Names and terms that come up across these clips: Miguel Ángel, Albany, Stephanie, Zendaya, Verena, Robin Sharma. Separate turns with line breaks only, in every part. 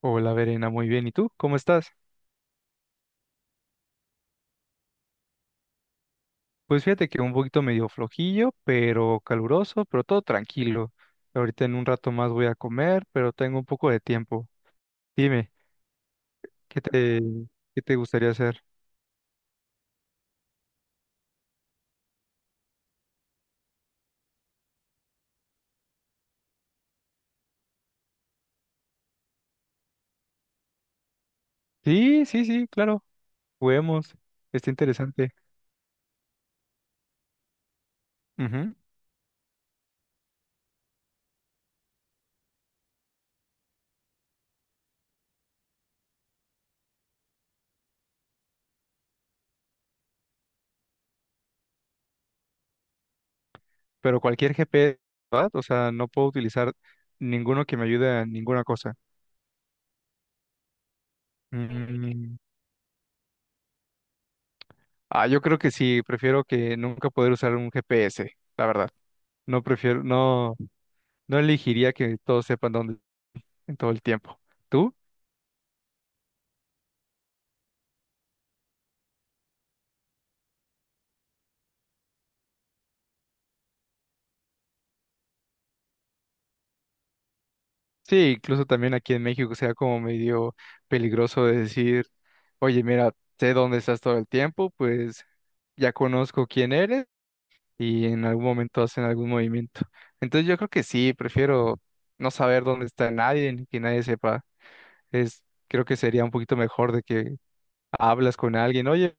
Hola, Verena, muy bien. ¿Y tú? ¿Cómo estás? Pues fíjate que un poquito medio flojillo, pero caluroso, pero todo tranquilo. Ahorita en un rato más voy a comer, pero tengo un poco de tiempo. Dime, ¿qué te, ¿qué te gustaría hacer? Sí, sí, sí, claro. Juguemos. Está interesante. Ujú. Pero cualquier GPS, ¿verdad? O sea, no puedo utilizar ninguno que me ayude a ninguna cosa. Mm, ah, yo creo que sí. Prefiero que nunca poder usar un GPS, la verdad. No prefiero, no. No elegiría que todos sepan dónde en todo el tiempo. ¿Tú? Sí, incluso también aquí en México sea como medio peligroso de decir, oye, mira, sé dónde estás todo el tiempo, pues ya conozco quién eres y en algún momento hacen algún movimiento. Entonces yo creo que sí, prefiero no saber dónde está nadie ni que nadie sepa. Es, creo que sería un poquito mejor de que hablas con alguien, oye,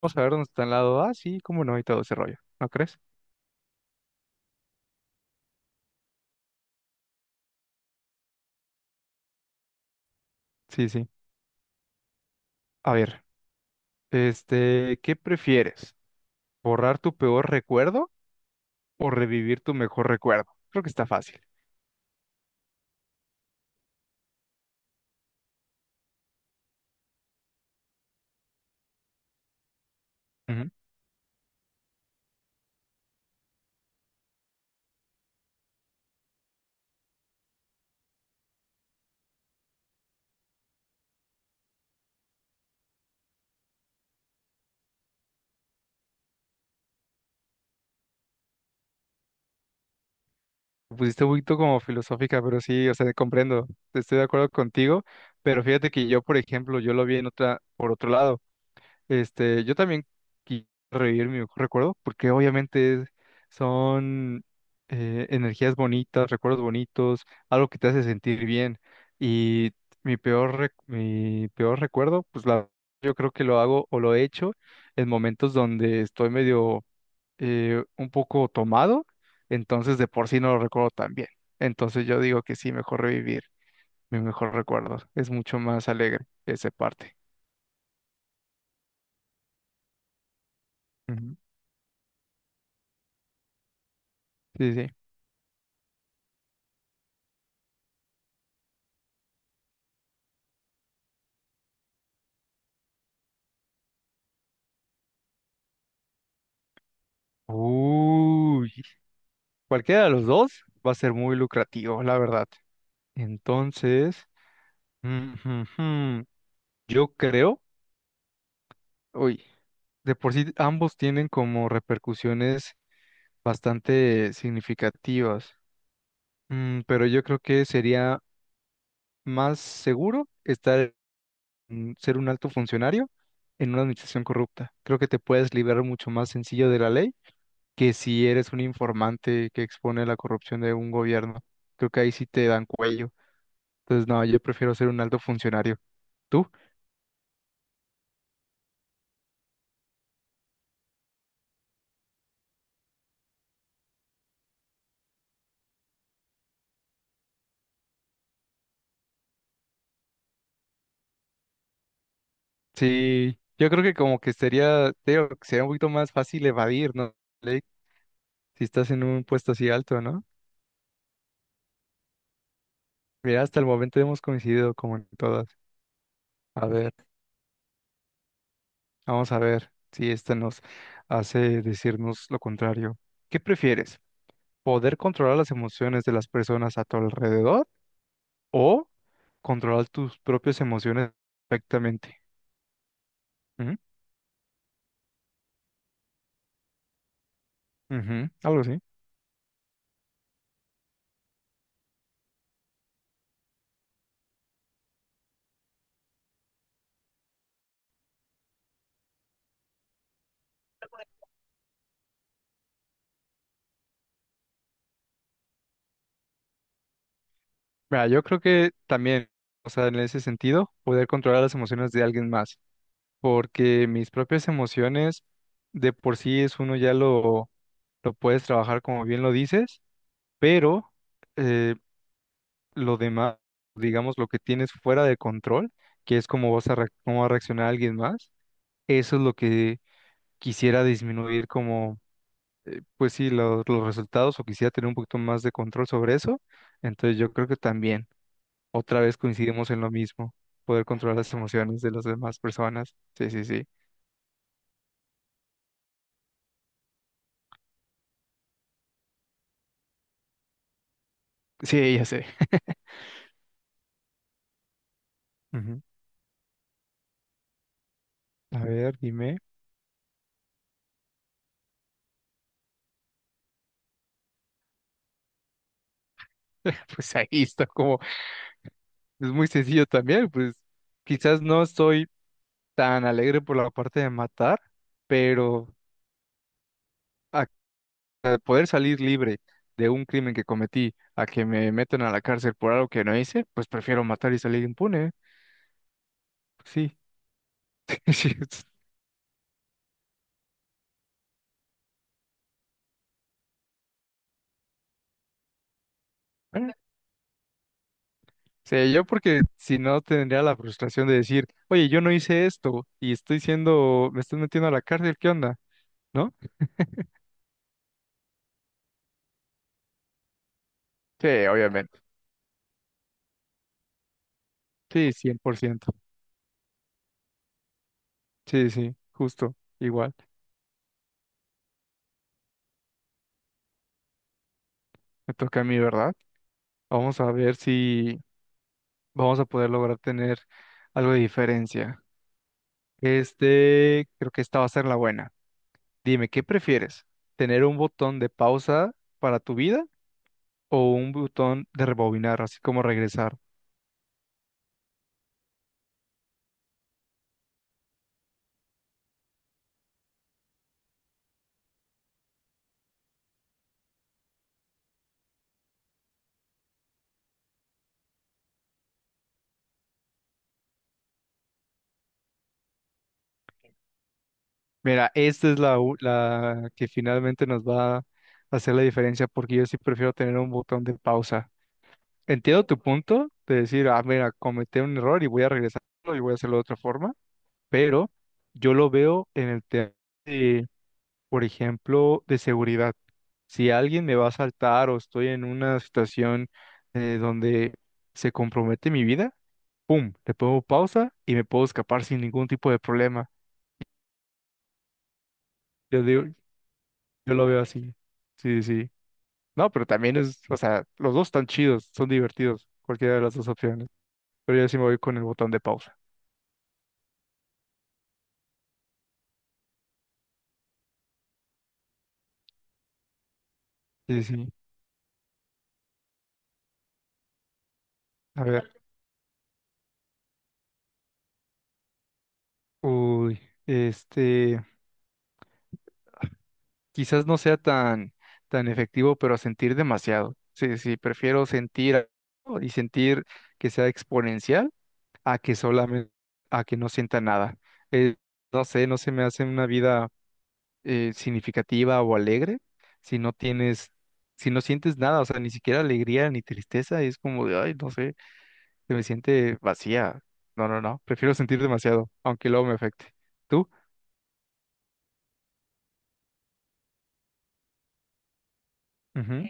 vamos a ver dónde está al lado. Ah, sí, cómo no, y todo ese rollo. ¿No crees? Sí, sí. A ver. Este, ¿qué prefieres? ¿Borrar tu peor recuerdo o revivir tu mejor recuerdo? Creo que está fácil. Ujú. Me pusiste un poquito como filosófica, pero sí, o sea, comprendo, estoy de acuerdo contigo, pero fíjate que yo, por ejemplo, yo lo vi en otra, por otro lado. Este, yo también quiero revivir mi mejor recuerdo, porque obviamente son energías bonitas, recuerdos bonitos, algo que te hace sentir bien. Y mi peor, mi peor recuerdo, pues la, yo creo que lo hago o lo he hecho en momentos donde estoy medio un poco tomado, entonces de por sí no lo recuerdo tan bien. Entonces yo digo que sí, mejor revivir mi mejor recuerdo. Es mucho más alegre esa parte. Ujú. Sí, sí. Uy, cualquiera de los dos va a ser muy lucrativo, la verdad. Entonces, mm, mm, mm, yo creo, uy, de por sí ambos tienen como repercusiones bastante significativas. Mm, pero yo creo que sería más seguro estar, ser un alto funcionario en una administración corrupta. Creo que te puedes liberar mucho más sencillo de la ley que si eres un informante que expone la corrupción de un gobierno. Creo que ahí sí te dan cuello. Entonces, no, yo prefiero ser un alto funcionario. ¿Tú? Sí, yo creo que como que sería, te digo, que sería un poquito más fácil evadir, ¿no? Ley, si estás en un puesto así alto, ¿no? Mira, hasta el momento hemos coincidido como en todas. A ver, vamos a ver si esta nos hace decirnos lo contrario. ¿Qué prefieres? ¿Poder controlar las emociones de las personas a tu alrededor o controlar tus propias emociones perfectamente? Ujú, ujú, algo así. Mira, yo creo que también, o sea, en ese sentido, poder controlar las emociones de alguien más, porque mis propias emociones de por sí es uno ya lo puedes trabajar como bien lo dices, pero eh, lo demás, digamos, lo que tienes fuera de control, que es cómo vas a, cómo va a reaccionar alguien más, eso es lo que quisiera disminuir como, pues sí, lo- los resultados o quisiera tener un poquito más de control sobre eso, entonces yo creo que también. Otra vez coincidimos en lo mismo, poder controlar las emociones de las demás personas. Sí, sí, sí. Sí, ya sé. Ujú. A ver, dime. Pues ahí está como, es muy sencillo también, pues quizás no soy tan alegre por la parte de matar, pero a a poder salir libre de un crimen que cometí, a que me metan a la cárcel por algo que no hice, pues prefiero matar y salir impune. Sí, sí. es- Sí, yo porque si no tendría la frustración de decir, oye, yo no hice esto y estoy siendo, me estás metiendo a la cárcel, ¿qué onda? ¿No? Sí, obviamente. Sí, cien por ciento. Sí, sí, justo, igual. Me toca a mí, ¿verdad? Vamos a ver si vamos a poder lograr tener algo de diferencia. Este, creo que esta va a ser la buena. Dime, ¿qué prefieres? ¿Tener un botón de pausa para tu vida o un botón de rebobinar, así como regresar? Mira, esta es la, u- la que finalmente nos va a hacer la diferencia porque yo sí prefiero tener un botón de pausa. Entiendo tu punto de decir, ah, mira, cometí un error y voy a regresarlo y voy a hacerlo de otra forma, pero yo lo veo en el tema de, por ejemplo, de seguridad. Si alguien me va a saltar o estoy en una situación donde se compromete mi vida, ¡pum! Le pongo pausa y me puedo escapar sin ningún tipo de problema. Yo digo, yo lo veo así. Sí, sí. No, pero también es, o sea, los dos están chidos, son divertidos, cualquiera de las dos opciones. Pero yo sí me voy con el botón de pausa. Sí, sí, sí. A ver, uy, este, quizás no sea tan, tan efectivo, pero a sentir demasiado. Sí, sí, prefiero sentir algo y sentir que sea exponencial a que solamente, a que no sienta nada. Eh, no sé, no se me hace una vida significativa o alegre, si no tienes, si no sientes nada, o sea, ni siquiera alegría ni tristeza, es como de, ay, no sé, se me siente vacía. No, no, no, prefiero sentir demasiado, aunque luego me afecte. ¿Tú? Ujú,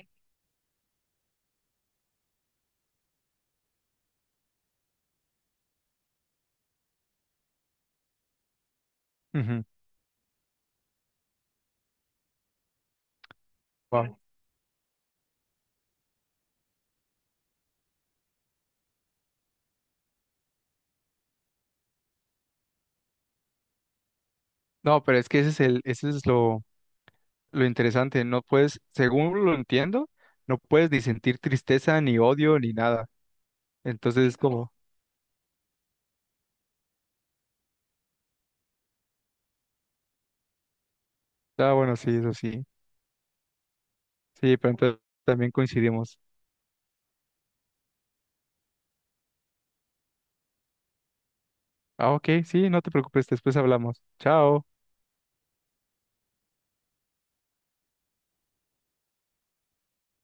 ujú, wao. No, pero es que ese es el, ese es lo interesante, no puedes, según lo entiendo, no puedes ni sentir tristeza, ni odio, ni nada. Entonces es como, ah, bueno, sí, eso sí. Sí, pero entonces también coincidimos. Ah, ok, sí, no te preocupes, después hablamos. Chao.